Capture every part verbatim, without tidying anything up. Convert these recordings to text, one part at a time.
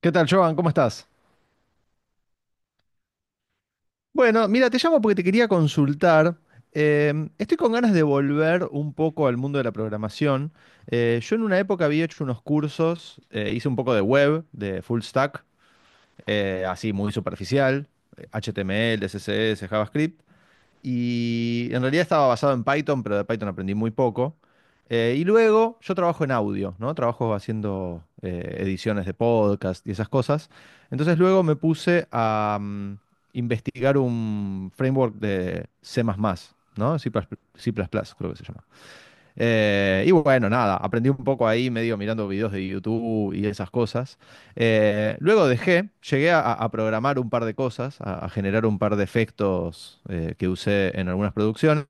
¿Qué tal, Joan? ¿Cómo estás? Bueno, mira, te llamo porque te quería consultar. Em, estoy con ganas de volver un poco al mundo de la programación. Eh, yo en una época había hecho unos cursos, eh, hice un poco de web, de full stack, eh, así muy superficial, eh, H T M L, C S S, JavaScript, y en realidad estaba basado en Python, pero de Python aprendí muy poco. Eh, y luego yo trabajo en audio, ¿no? Trabajo haciendo eh, ediciones de podcast y esas cosas. Entonces luego me puse a mm, investigar un framework de C++, ¿no? C++, C++, creo que se llama. Eh, y bueno, nada, aprendí un poco ahí, medio mirando videos de YouTube y esas cosas. Eh, luego dejé, llegué a, a programar un par de cosas, a, a generar un par de efectos eh, que usé en algunas producciones.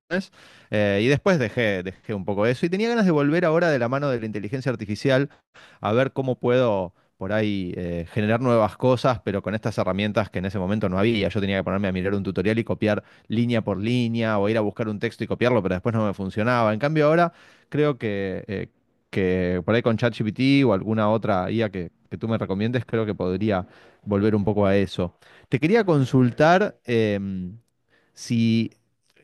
eh, Y después dejé, dejé un poco eso. Y tenía ganas de volver ahora de la mano de la inteligencia artificial a ver cómo puedo por ahí eh, generar nuevas cosas, pero con estas herramientas que en ese momento no había. Yo tenía que ponerme a mirar un tutorial y copiar línea por línea o ir a buscar un texto y copiarlo, pero después no me funcionaba. En cambio, ahora creo que, eh, que por ahí con ChatGPT o alguna otra I A que, que tú me recomiendes, creo que podría volver un poco a eso. Te quería consultar em, si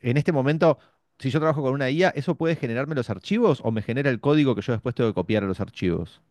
en este momento, si yo trabajo con una I A, ¿eso puede generarme los archivos o me genera el código que yo después tengo que copiar a los archivos?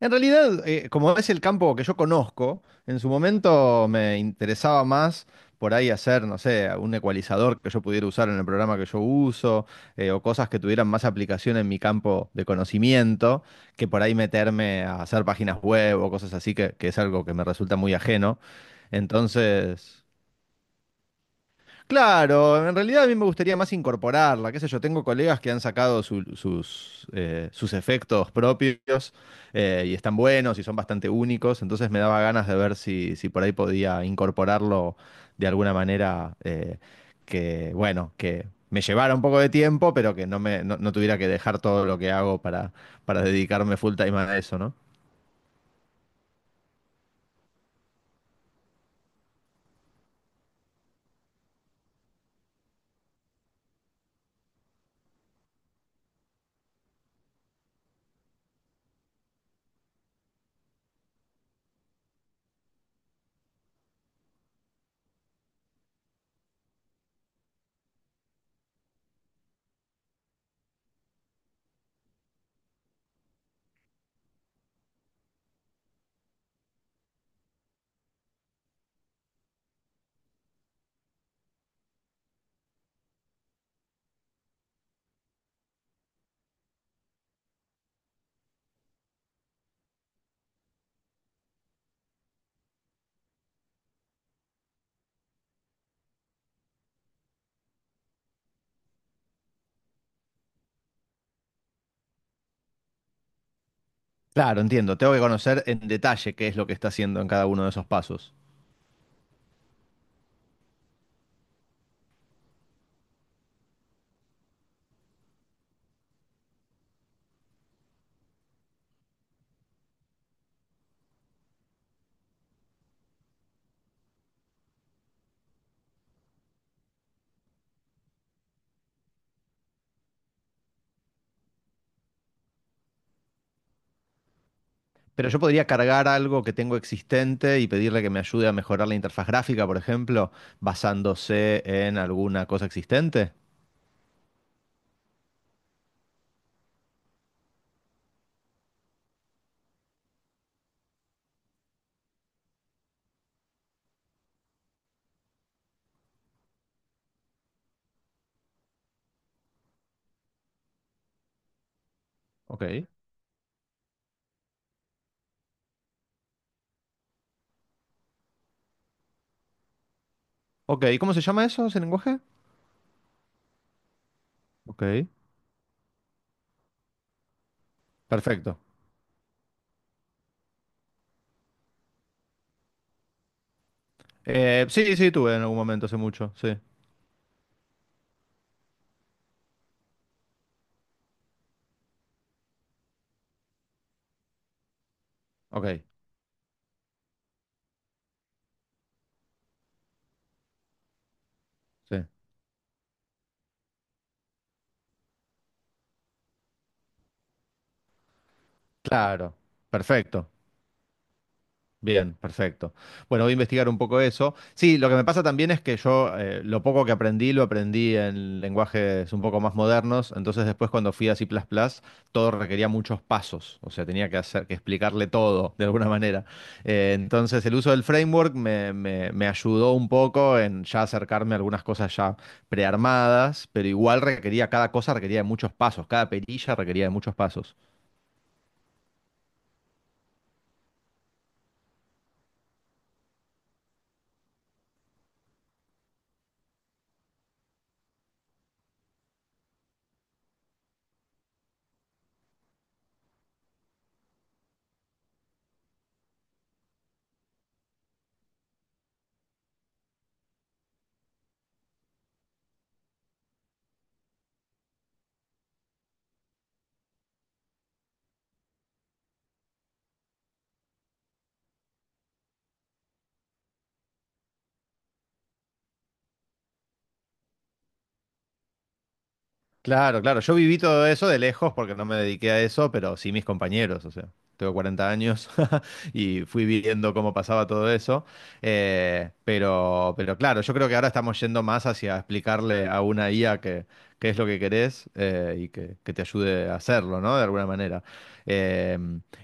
En realidad, eh, como es el campo que yo conozco, en su momento me interesaba más por ahí hacer, no sé, un ecualizador que yo pudiera usar en el programa que yo uso, eh, o cosas que tuvieran más aplicación en mi campo de conocimiento, que por ahí meterme a hacer páginas web o cosas así, que, que es algo que me resulta muy ajeno. Entonces, claro, en realidad a mí me gustaría más incorporarla, qué sé yo, tengo colegas que han sacado su- sus, eh, sus efectos propios eh, y están buenos y son bastante únicos, entonces me daba ganas de ver si, si por ahí podía incorporarlo de alguna manera eh, que, bueno, que me llevara un poco de tiempo, pero que no me, no, no tuviera que dejar todo lo que hago para, para dedicarme full time a eso, ¿no? Claro, entiendo, tengo que conocer en detalle qué es lo que está haciendo en cada uno de esos pasos. Pero yo podría cargar algo que tengo existente y pedirle que me ayude a mejorar la interfaz gráfica, por ejemplo, basándose en alguna cosa existente. Ok. Ok, ¿cómo se llama eso, ese lenguaje? Ok, perfecto. Eh, sí, sí, tuve en algún momento, hace mucho, sí. Ok, sí. Claro, perfecto. Bien, perfecto. Bueno, voy a investigar un poco eso. Sí, lo que me pasa también es que yo eh, lo poco que aprendí lo aprendí en lenguajes un poco más modernos, entonces después cuando fui a C++, todo requería muchos pasos, o sea, tenía que hacer que explicarle todo de alguna manera. Eh, entonces el uso del framework me, me- me ayudó un poco en ya acercarme a algunas cosas ya prearmadas, pero igual requería, cada cosa requería de muchos pasos, cada perilla requería de muchos pasos. Claro, claro. Yo viví todo eso de lejos porque no me dediqué a eso, pero sí mis compañeros, o sea, tengo cuarenta años y fui viviendo cómo pasaba todo eso. Eh, pero, pero claro, yo creo que ahora estamos yendo más hacia explicarle a una I A que, qué es lo que querés eh, y que, que te ayude a hacerlo, ¿no? De alguna manera. Eh,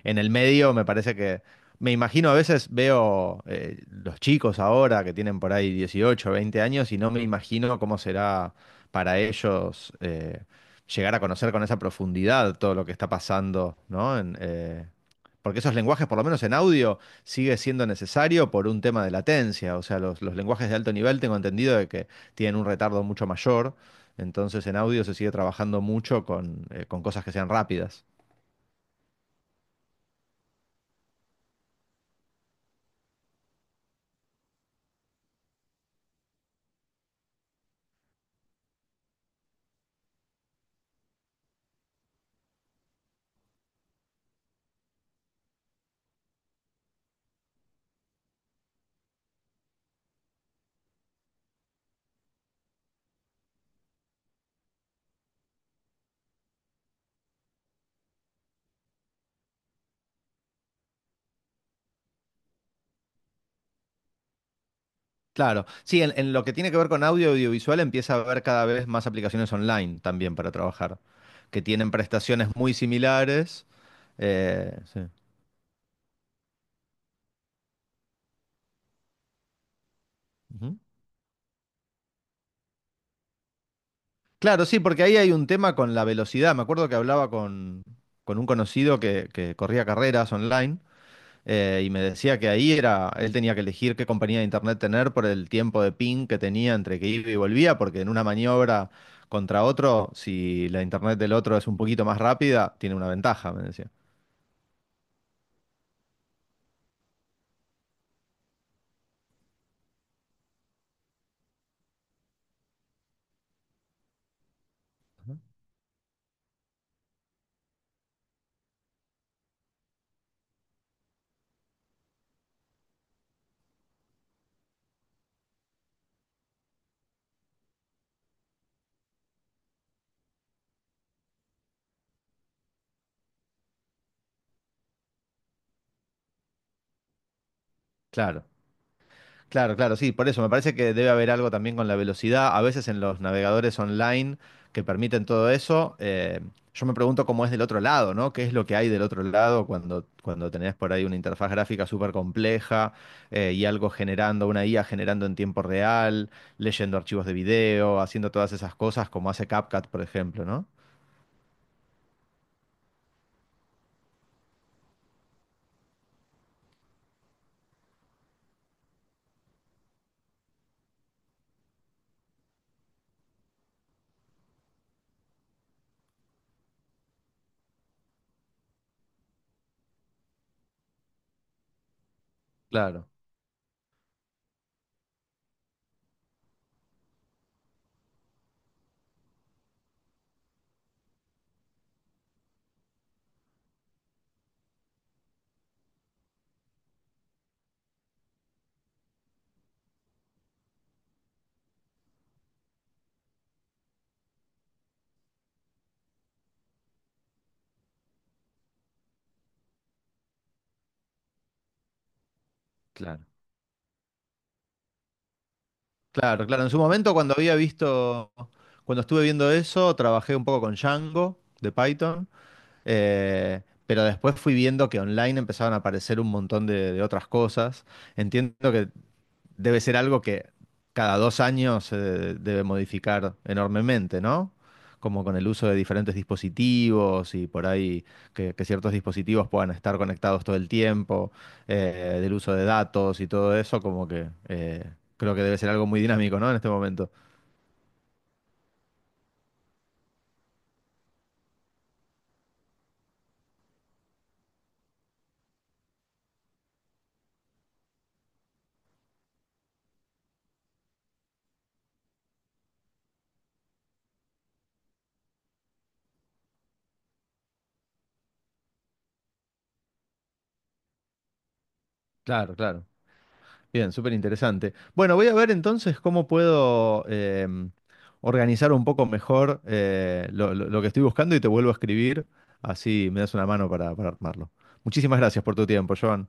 en el medio me parece que… Me imagino, a veces veo eh, los chicos ahora que tienen por ahí dieciocho, veinte años y no me imagino cómo será para ellos eh, llegar a conocer con esa profundidad todo lo que está pasando, ¿no? En, eh, porque esos lenguajes, por lo menos en audio, sigue siendo necesario por un tema de latencia. O sea, los, los lenguajes de alto nivel tengo entendido de que tienen un retardo mucho mayor. Entonces en audio se sigue trabajando mucho con, eh, con cosas que sean rápidas. Claro, sí, en, en lo que tiene que ver con audio y audiovisual empieza a haber cada vez más aplicaciones online también para trabajar, que tienen prestaciones muy similares. Eh, sí. Ujú. Claro, sí, porque ahí hay un tema con la velocidad. Me acuerdo que hablaba con, con un conocido que, que corría carreras online eh, y me decía que ahí era, él tenía que elegir qué compañía de internet tener por el tiempo de ping que tenía entre que iba y volvía, porque en una maniobra contra otro, si la internet del otro es un poquito más rápida, tiene una ventaja, me decía. Claro. Claro, claro, sí, por eso me parece que debe haber algo también con la velocidad. A veces en los navegadores online que permiten todo eso, eh, yo me pregunto cómo es del otro lado, ¿no? ¿Qué es lo que hay del otro lado cuando, cuando tenés por ahí una interfaz gráfica súper compleja eh, y algo generando, una I A generando en tiempo real, leyendo archivos de video, haciendo todas esas cosas como hace CapCut, por ejemplo, ¿no? Claro, claro. Claro, claro. En su momento, cuando había visto, cuando estuve viendo eso, trabajé un poco con Django de Python. Eh, pero después fui viendo que online empezaban a aparecer un montón de, de otras cosas. Entiendo que debe ser algo que cada dos años se debe modificar enormemente, ¿no? Como con el uso de diferentes dispositivos y por ahí que, que ciertos dispositivos puedan estar conectados todo el tiempo, eh, del uso de datos y todo eso, como que eh, creo que debe ser algo muy dinámico, ¿no? En este momento. Claro, claro. Bien, súper interesante. Bueno, voy a ver entonces cómo puedo em, organizar un poco mejor eh, lo, lo- lo que estoy buscando y te vuelvo a escribir, así me das una mano para, para armarlo. Muchísimas gracias por tu tiempo, Joan.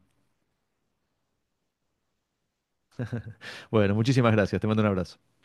Bueno, muchísimas gracias, te mando un abrazo.